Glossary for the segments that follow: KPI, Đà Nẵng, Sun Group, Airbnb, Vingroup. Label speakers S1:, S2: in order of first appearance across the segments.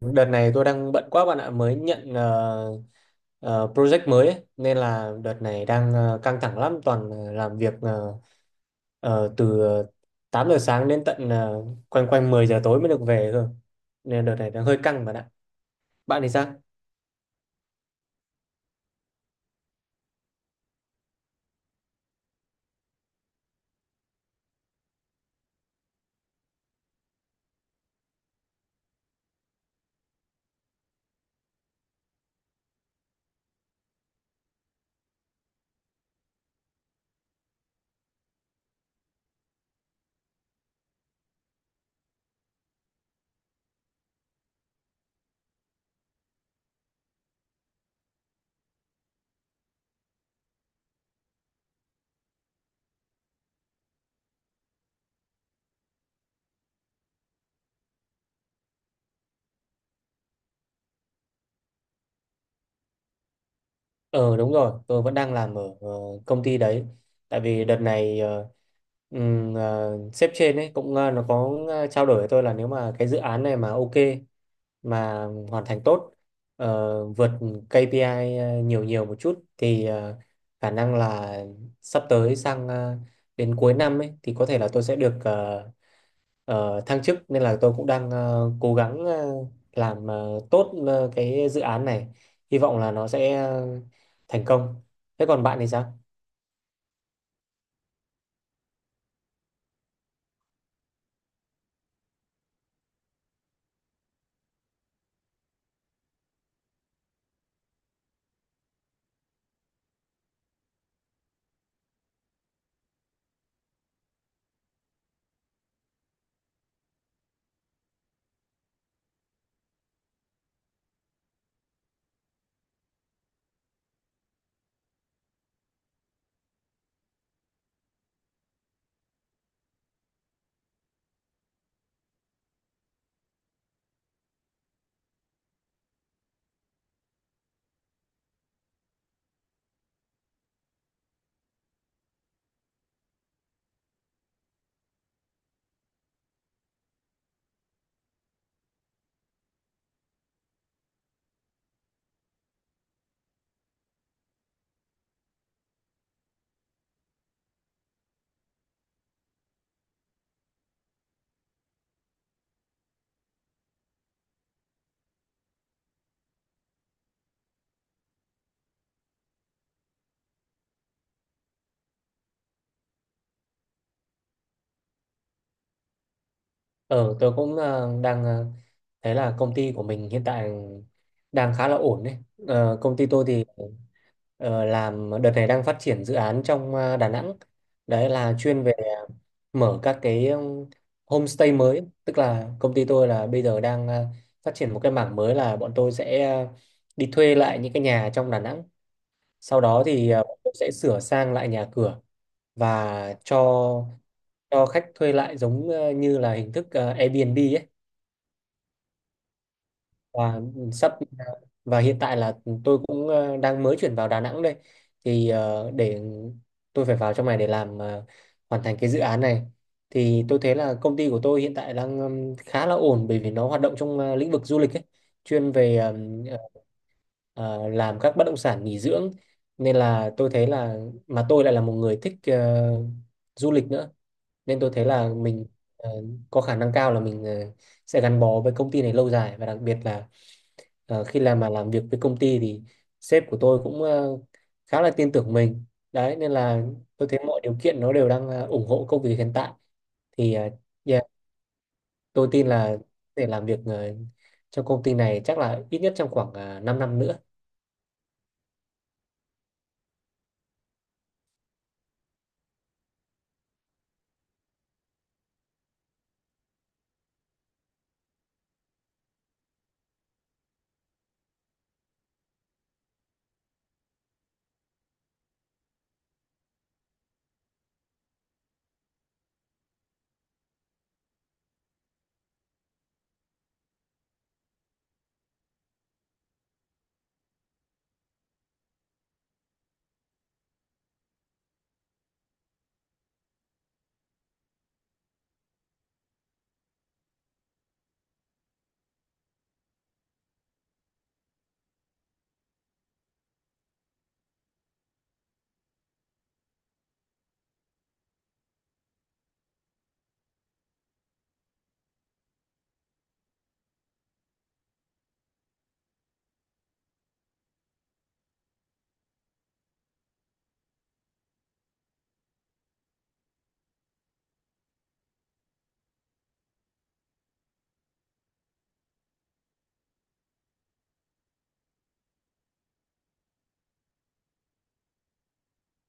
S1: Đợt này tôi đang bận quá bạn ạ, mới nhận project mới ấy. Nên là đợt này đang căng thẳng lắm, toàn làm việc từ 8 giờ sáng đến tận quanh quanh 10 giờ tối mới được về cơ. Nên đợt này đang hơi căng bạn ạ. Bạn thì sao? Ờ đúng rồi, tôi vẫn đang làm ở công ty đấy. Tại vì đợt này sếp trên ấy cũng nó có trao đổi với tôi là nếu mà cái dự án này mà ok mà hoàn thành tốt, vượt KPI nhiều nhiều một chút thì khả năng là sắp tới sang đến cuối năm ấy thì có thể là tôi sẽ được thăng chức. Nên là tôi cũng đang cố gắng làm tốt cái dự án này, hy vọng là nó sẽ thành công. Thế còn bạn thì sao? Ờ, tôi cũng đang thấy là công ty của mình hiện tại đang khá là ổn đấy. Ờ, công ty tôi thì làm đợt này đang phát triển dự án trong Đà Nẵng. Đấy là chuyên về mở các cái homestay mới. Tức là công ty tôi là bây giờ đang phát triển một cái mảng mới là bọn tôi sẽ đi thuê lại những cái nhà trong Đà Nẵng. Sau đó thì bọn tôi sẽ sửa sang lại nhà cửa và cho khách thuê lại giống như là hình thức Airbnb ấy. Và sắp và hiện tại là tôi cũng đang mới chuyển vào Đà Nẵng đây, thì để tôi phải vào trong này để làm, hoàn thành cái dự án này. Thì tôi thấy là công ty của tôi hiện tại đang khá là ổn bởi vì nó hoạt động trong lĩnh vực du lịch ấy, chuyên về ờ, làm các bất động sản nghỉ dưỡng. Nên là tôi thấy là mà tôi lại là một người thích du lịch nữa, nên tôi thấy Ừ là mình ờ, có khả năng cao là mình sẽ gắn bó với công ty này lâu dài. Và đặc biệt là khi làm mà làm việc với công ty thì sếp của tôi cũng khá là tin tưởng mình. Đấy nên là tôi thấy mọi điều kiện nó đều đang ủng hộ công việc hiện tại. Thì yeah, tôi tin là để làm việc trong công ty này chắc là ít nhất trong khoảng 5 năm nữa.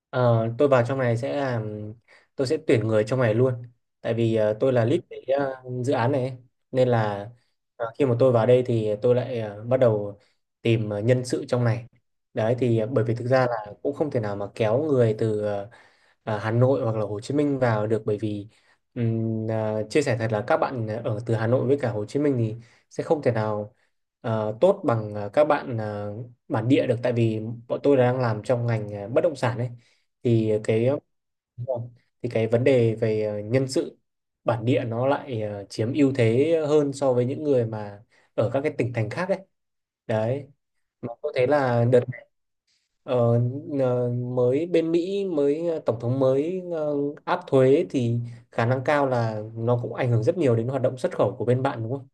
S1: Ờ, tôi vào trong này sẽ làm, tôi sẽ tuyển người trong này luôn, tại vì tôi là lead cái dự án này ấy. Nên là khi mà tôi vào đây thì tôi lại bắt đầu tìm nhân sự trong này. Đấy thì bởi vì thực ra là cũng không thể nào mà kéo người từ Hà Nội hoặc là Hồ Chí Minh vào được, bởi vì chia sẻ thật là các bạn ở từ Hà Nội với cả Hồ Chí Minh thì sẽ không thể nào tốt bằng các bạn bản địa được. Tại vì bọn tôi đang làm trong ngành bất động sản ấy, thì cái đúng rồi, thì cái vấn đề về nhân sự bản địa nó lại chiếm ưu thế hơn so với những người mà ở các cái tỉnh thành khác ấy. Đấy, mà có thể là đợt này, ờ, mới bên Mỹ mới tổng thống mới áp thuế, thì khả năng cao là nó cũng ảnh hưởng rất nhiều đến hoạt động xuất khẩu của bên bạn đúng không?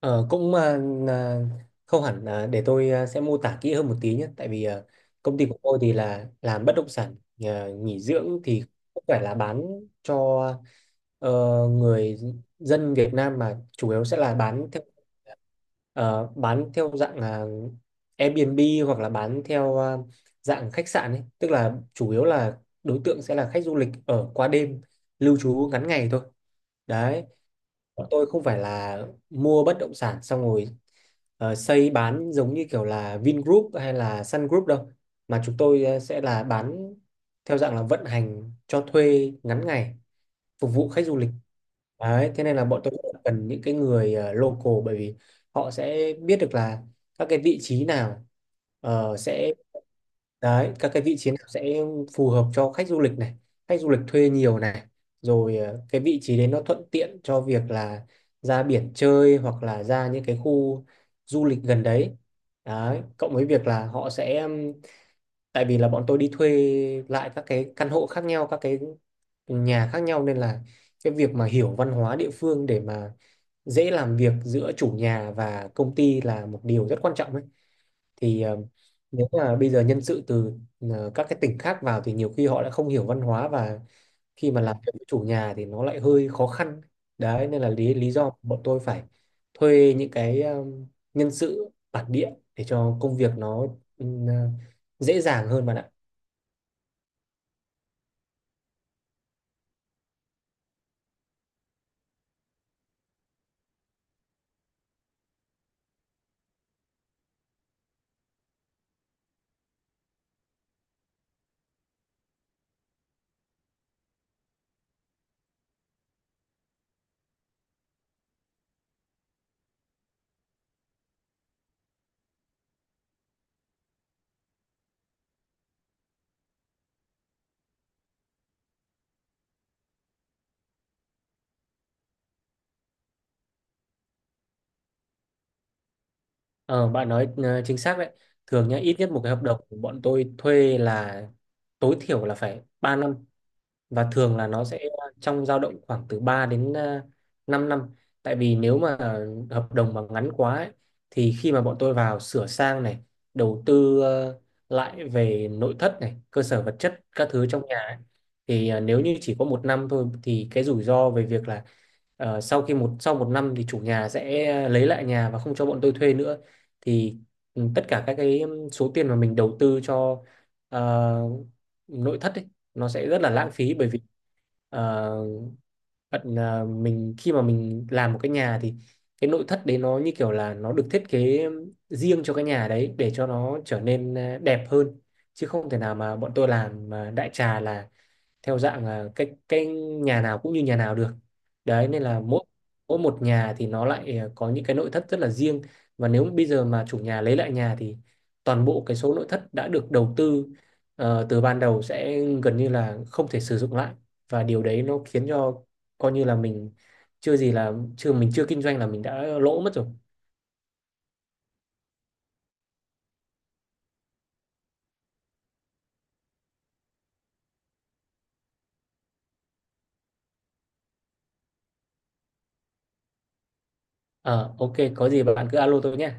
S1: Ờ, cũng à, là không hẳn, là để tôi à, sẽ mô tả kỹ hơn một tí nhé. Tại vì à, công ty của tôi thì là làm bất động sản à, nghỉ dưỡng, thì không phải là bán cho ờ, người dân Việt Nam mà chủ yếu sẽ là bán theo ờ, bán theo dạng là Airbnb hoặc là bán theo à, dạng khách sạn ấy, tức là chủ yếu là đối tượng sẽ là khách du lịch ở qua đêm lưu trú ngắn ngày thôi. Đấy, bọn tôi không phải là mua bất động sản xong rồi xây bán giống như kiểu là Vingroup hay là Sun Group đâu, mà chúng tôi sẽ là bán theo dạng là vận hành cho thuê ngắn ngày phục vụ khách du lịch. Đấy, thế nên là bọn tôi rất là cần những cái người local, bởi vì họ sẽ biết được là các cái vị trí nào sẽ các cái vị trí nào sẽ phù hợp cho khách du lịch này, khách du lịch thuê nhiều này, rồi cái vị trí đấy nó thuận tiện cho việc là ra biển chơi hoặc là ra những cái khu du lịch gần đấy. Đấy, cộng với việc là họ sẽ, tại vì là bọn tôi đi thuê lại các cái căn hộ khác nhau, các cái nhà khác nhau, nên là cái việc mà hiểu văn hóa địa phương để mà dễ làm việc giữa chủ nhà và công ty là một điều rất quan trọng ấy. Thì nếu mà bây giờ nhân sự từ các cái tỉnh khác vào thì nhiều khi họ lại không hiểu văn hóa, và khi mà làm việc với chủ nhà thì nó lại hơi khó khăn. Đấy nên là lý lý do bọn tôi phải thuê những cái nhân sự bản địa để cho công việc nó ừ, ờ, dễ dàng hơn bạn ạ. Ờ, bạn nói chính xác đấy. Thường nhá, ít nhất một cái hợp đồng của bọn tôi thuê là tối thiểu là phải 3 năm, và thường là nó sẽ trong dao động khoảng từ 3 đến à, 5 năm. Tại vì nếu mà hợp đồng mà ngắn quá ấy, thì khi mà bọn tôi vào sửa sang này, đầu tư lại về nội thất này, cơ sở vật chất các thứ trong nhà ấy, thì nếu như chỉ có 1 năm thôi thì cái rủi ro về việc là sau khi 1 sau 1 năm thì chủ nhà sẽ lấy lại nhà và không cho bọn tôi thuê nữa, thì ừ, tất cả các cái số tiền mà mình đầu tư cho ờ, nội thất ấy, nó sẽ rất là lãng phí. Bởi vì ờ, bạn à, mình khi mà mình làm một cái nhà thì cái nội thất đấy nó như kiểu là nó được thiết kế riêng cho cái nhà đấy để cho nó trở nên à, đẹp hơn, chứ không thể nào mà bọn tôi làm à, đại trà là theo dạng là cái nhà nào cũng như nhà nào được. Đấy nên là mỗi mỗi một nhà thì nó lại à, có những cái nội thất rất là riêng, và nếu bây giờ mà chủ nhà lấy lại nhà thì toàn bộ cái số nội thất đã được đầu tư từ ban đầu sẽ gần như là không thể sử dụng lại, và điều đấy nó khiến cho coi như là mình chưa gì là chưa mình chưa kinh doanh là mình đã lỗ mất rồi. Ờ ok, có gì bạn cứ alo tôi nhé.